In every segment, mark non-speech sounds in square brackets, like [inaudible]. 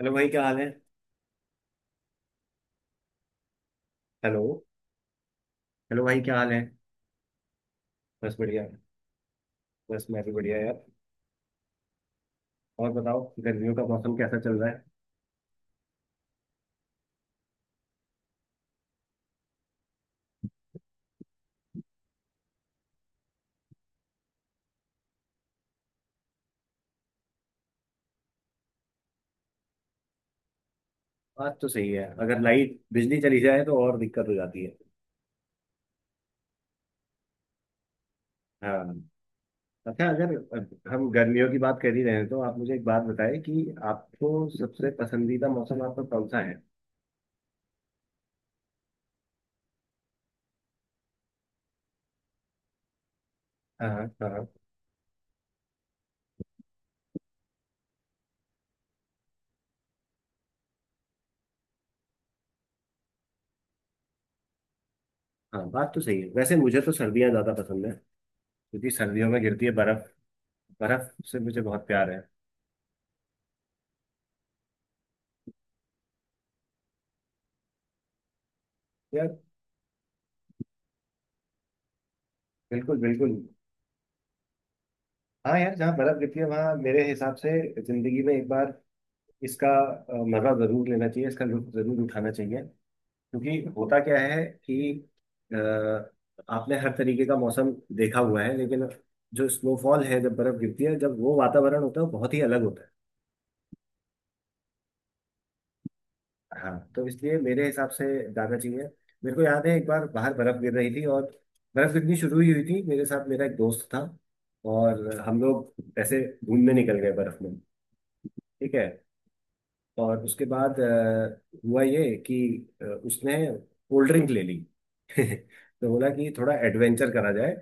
Hello भाई, क्या हाल है? हेलो। हेलो भाई, क्या हाल है? बस बढ़िया। बस मैं भी बढ़िया यार। और बताओ, गर्मियों का मौसम कैसा चल रहा है? बात तो सही है। अगर लाइट बिजली चली जाए तो और दिक्कत हो जाती है। हाँ। अच्छा, अगर हम गर्मियों की बात कर ही रहे हैं तो आप मुझे एक बात बताएं कि आपको सबसे पसंदीदा मौसम आपका कौन सा है? हाँ, हाँ, हाँ। हाँ, बात तो सही है। वैसे मुझे तो सर्दियाँ ज़्यादा पसंद है। क्योंकि सर्दियों में गिरती है बर्फ। बर्फ से मुझे बहुत प्यार है। यार। बिल्कुल, बिल्कुल। हाँ यार, जहाँ बर्फ गिरती है वहाँ मेरे हिसाब से जिंदगी में एक बार इसका मजा जरूर लेना चाहिए, इसका लुत्फ जरूर उठाना चाहिए। क्योंकि होता क्या है कि अ, आपने हर तरीके का मौसम देखा हुआ है, लेकिन जो स्नोफॉल है, जब बर्फ गिरती है, जब वो वातावरण होता है, वो बहुत ही अलग होता है। हाँ, तो इसलिए मेरे हिसाब से जाना चाहिए। मेरे को याद है, एक बार बाहर बर्फ गिर रही थी और बर्फ गिरनी शुरू ही हुई थी। मेरे साथ मेरा एक दोस्त था और हम लोग ऐसे घूमने निकल गए बर्फ में। ठीक है। और उसके बाद हुआ ये कि उसने कोल्ड ड्रिंक ले ली। [laughs] तो बोला कि थोड़ा एडवेंचर करा जाए।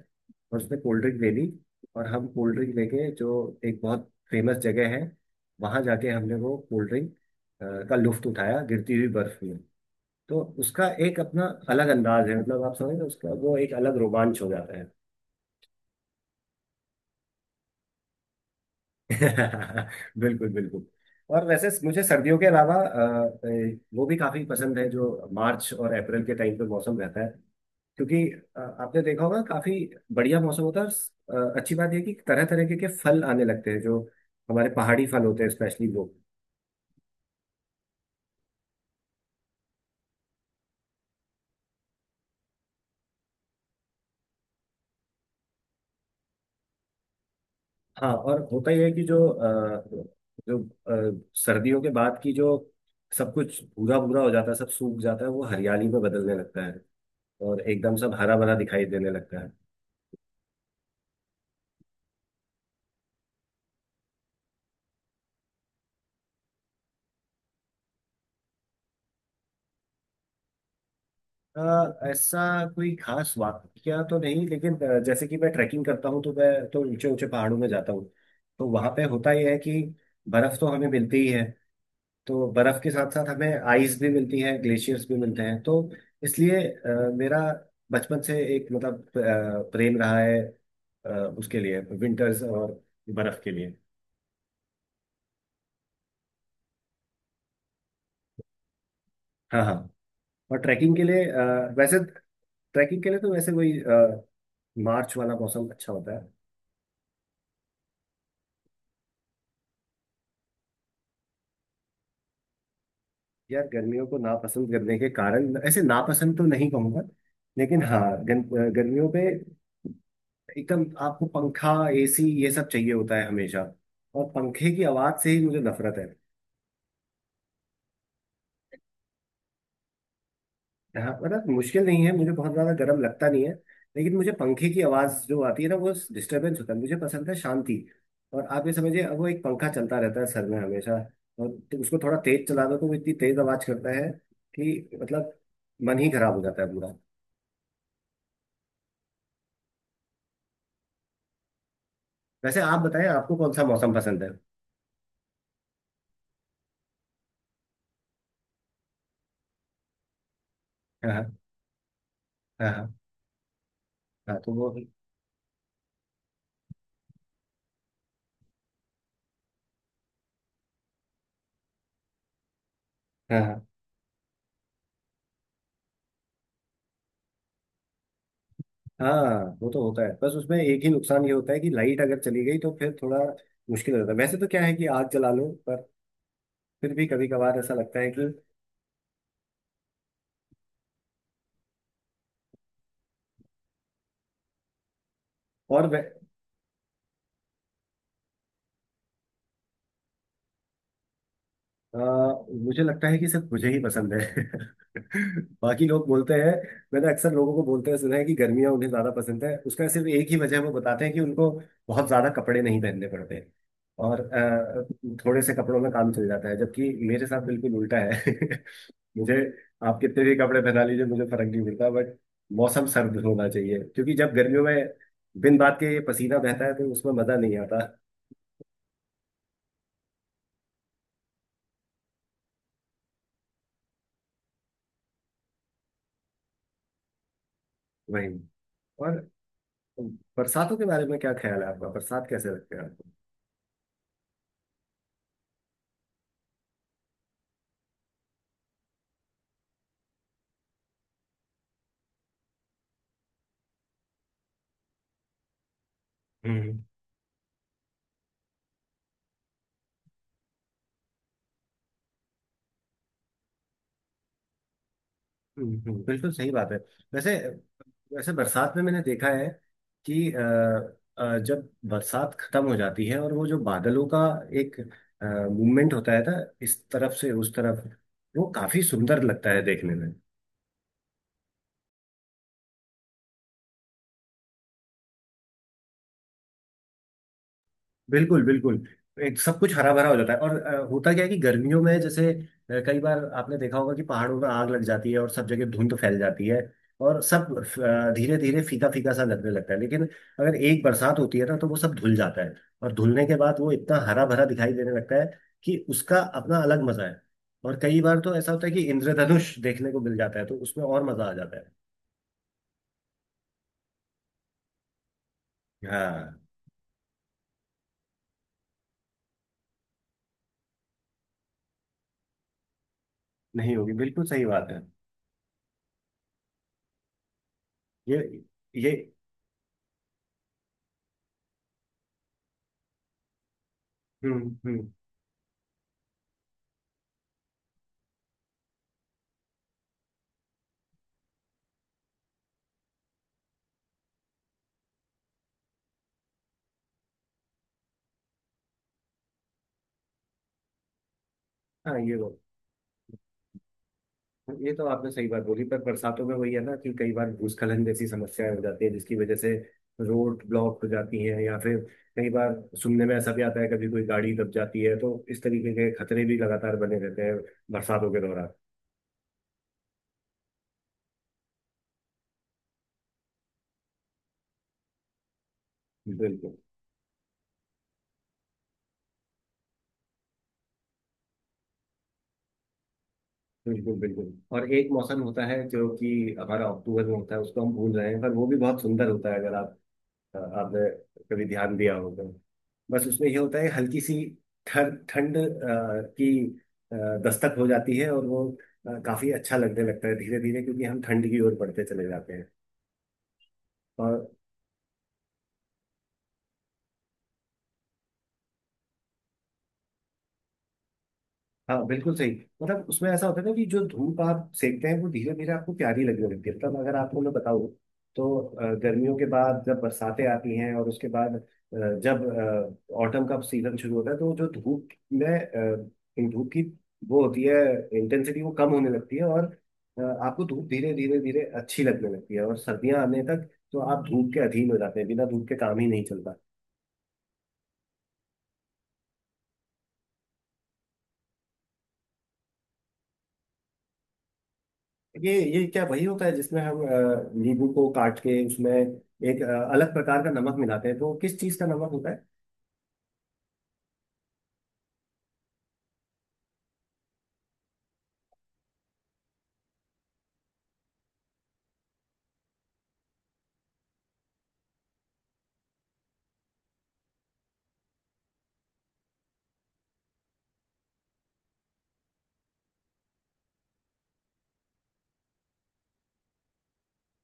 और उसने कोल्ड ड्रिंक ले ली। और हम कोल्ड ड्रिंक लेके, जो एक बहुत फेमस जगह है वहां जाके, हमने वो कोल्ड ड्रिंक का लुफ्त उठाया गिरती हुई बर्फ में। तो उसका एक अपना अलग अंदाज है, मतलब आप समझ रहे हो, उसका वो एक अलग रोमांच हो जाता है। [laughs] बिल्कुल, बिल्कुल। और वैसे मुझे सर्दियों के अलावा वो भी काफी पसंद है, जो मार्च और अप्रैल के टाइम पे मौसम रहता है। क्योंकि आपने देखा होगा, काफी बढ़िया मौसम होता है। और अच्छी बात यह कि तरह तरह के फल आने लगते हैं, जो हमारे पहाड़ी फल होते हैं स्पेशली वो। हाँ, और होता यह है कि जो सर्दियों के बाद की जो सब कुछ भूरा भूरा हो जाता है, सब सूख जाता है, वो हरियाली में बदलने लगता है। और एकदम सब हरा भरा दिखाई देने लगता है। ऐसा कोई खास वाक्य तो नहीं, लेकिन जैसे कि मैं ट्रैकिंग करता हूँ तो मैं तो ऊंचे ऊंचे पहाड़ों में जाता हूँ। तो वहां पे होता यह है कि बर्फ तो हमें मिलती ही है। तो बर्फ के साथ साथ हमें आइस भी मिलती है, ग्लेशियर्स भी मिलते हैं। तो इसलिए मेरा बचपन से एक, मतलब प्रेम रहा है अ, उसके लिए, विंटर्स और बर्फ के लिए। हाँ, हाँ। और ट्रैकिंग के लिए अ, वैसे ट्रैकिंग के लिए तो वैसे वही मार्च वाला मौसम अच्छा होता है। यार, गर्मियों को नापसंद करने के कारण, ऐसे नापसंद तो नहीं कहूंगा। लेकिन हाँ, गर्मियों पे एकदम आपको पंखा, एसी, ये सब चाहिए होता है हमेशा। और पंखे की आवाज से ही मुझे नफरत है। हाँ, मतलब मुश्किल नहीं है, मुझे बहुत ज्यादा गर्म लगता नहीं है। लेकिन मुझे पंखे की आवाज जो आती है ना, वो डिस्टरबेंस होता है, मुझे पसंद है शांति। और आप ये समझिए, अब वो एक पंखा चलता रहता है सर में हमेशा। और तो उसको थोड़ा तेज चला दो तो वो इतनी तेज आवाज करता है कि मतलब मन ही खराब हो जाता है पूरा। वैसे आप बताएं, आपको कौन सा मौसम पसंद है? हाँ, हाँ, हाँ, हाँ, हाँ, तो वो। हाँ, हाँ, हाँ। वो तो होता है। बस उसमें एक ही नुकसान ये होता है कि लाइट अगर चली गई तो फिर थोड़ा मुश्किल हो जाता है। वैसे तो क्या है कि आग जला लो, पर फिर भी कभी कभार ऐसा लगता है कि और वै- अ, मुझे लगता है कि सिर्फ मुझे ही पसंद है। [laughs] बाकी लोग बोलते हैं। मैंने अक्सर लोगों को बोलते हुए सुना है कि गर्मियां उन्हें ज्यादा पसंद है। उसका सिर्फ एक ही वजह वो बताते हैं कि उनको बहुत ज्यादा कपड़े नहीं पहनने पड़ते। और थोड़े से कपड़ों में काम चल जाता है, जबकि मेरे साथ बिल्कुल उल्टा है। [laughs] मुझे, आप कितने भी कपड़े पहना लीजिए, मुझे फर्क नहीं पड़ता, बट मौसम सर्द होना चाहिए। क्योंकि जब गर्मियों में बिन बात के पसीना बहता है तो उसमें मजा नहीं आता। वही। और बरसातों के बारे में क्या ख्याल है आपका? बरसात कैसे लगते हैं आपको? हम्म, हम्म, हम्म, बिल्कुल सही बात है। वैसे वैसे बरसात में मैंने देखा है कि जब बरसात खत्म हो जाती है और वो जो बादलों का एक मूवमेंट होता है ना, इस तरफ से उस तरफ, वो काफी सुंदर लगता है देखने में। बिल्कुल, बिल्कुल। एक सब कुछ हरा भरा हो जाता है, और होता क्या है कि गर्मियों में जैसे कई बार आपने देखा होगा कि पहाड़ों में आग लग जाती है और सब जगह धुंध फैल जाती है। और सब धीरे धीरे फीका फीका सा लगने लगता है, लेकिन अगर एक बरसात होती है ना, तो वो सब धुल जाता है। और धुलने के बाद वो इतना हरा भरा दिखाई देने लगता है कि उसका अपना अलग मजा है। और कई बार तो ऐसा होता है कि इंद्रधनुष देखने को मिल जाता है, तो उसमें और मजा आ जाता है। हाँ, नहीं होगी, बिल्कुल सही बात है। ये। ये। हम्म, हम्म। हाँ, ये तो आपने सही बात बोली, पर बरसातों में वही है ना कि कई बार भूस्खलन जैसी समस्याएं हो जाती है, जिसकी वजह से रोड ब्लॉक हो जाती हैं, या फिर कई बार सुनने में ऐसा भी आता है कभी कोई गाड़ी दब जाती है, तो इस तरीके के खतरे भी लगातार बने रहते हैं बरसातों के दौरान। बिल्कुल, बिल्कुल, बिल्कुल। और एक मौसम होता है जो कि हमारा अक्टूबर में होता है, उसको हम भूल रहे हैं, पर वो भी बहुत सुंदर होता है, अगर आप आपने कभी ध्यान दिया होगा। बस उसमें ये होता है हल्की सी ठंड ठंड की अ, दस्तक हो जाती है और वो काफी अच्छा लगने लगता है धीरे धीरे, क्योंकि हम ठंड की ओर बढ़ते चले जाते हैं। और। हाँ, बिल्कुल सही। मतलब उसमें ऐसा होता है ना कि जो धूप आप सेकते हैं वो धीरे धीरे आपको प्यारी लगने लगती है, तब अगर आपको मैं बताऊँ तो गर्मियों के बाद जब बरसातें आती हैं, और उसके बाद जब ऑटम का सीजन शुरू होता है, तो जो धूप में इन धूप की, वो होती है इंटेंसिटी, वो कम होने लगती है। और आपको धूप धीरे धीरे धीरे अच्छी लगने लगती है, और सर्दियां आने तक तो आप धूप के अधीन हो जाते हैं, बिना धूप के काम ही नहीं चलता। ये ये क्या वही होता है जिसमें हम नींबू को काट के उसमें एक अलग प्रकार का नमक मिलाते हैं? तो किस चीज का नमक होता है?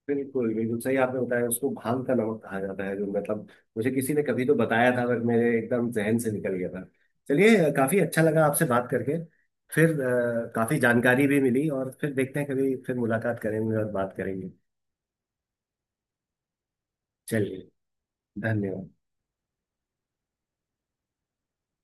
बिल्कुल, बिल्कुल सही आपने बताया। उसको भांग का नमक कहा जाता है, जो मतलब मुझे किसी ने कभी तो बताया था, पर मेरे एकदम जहन से निकल गया था। चलिए, काफी अच्छा लगा आपसे बात करके। फिर काफी जानकारी भी मिली, और फिर देखते हैं, कभी फिर मुलाकात करेंगे और बात करेंगे। चलिए। धन्यवाद।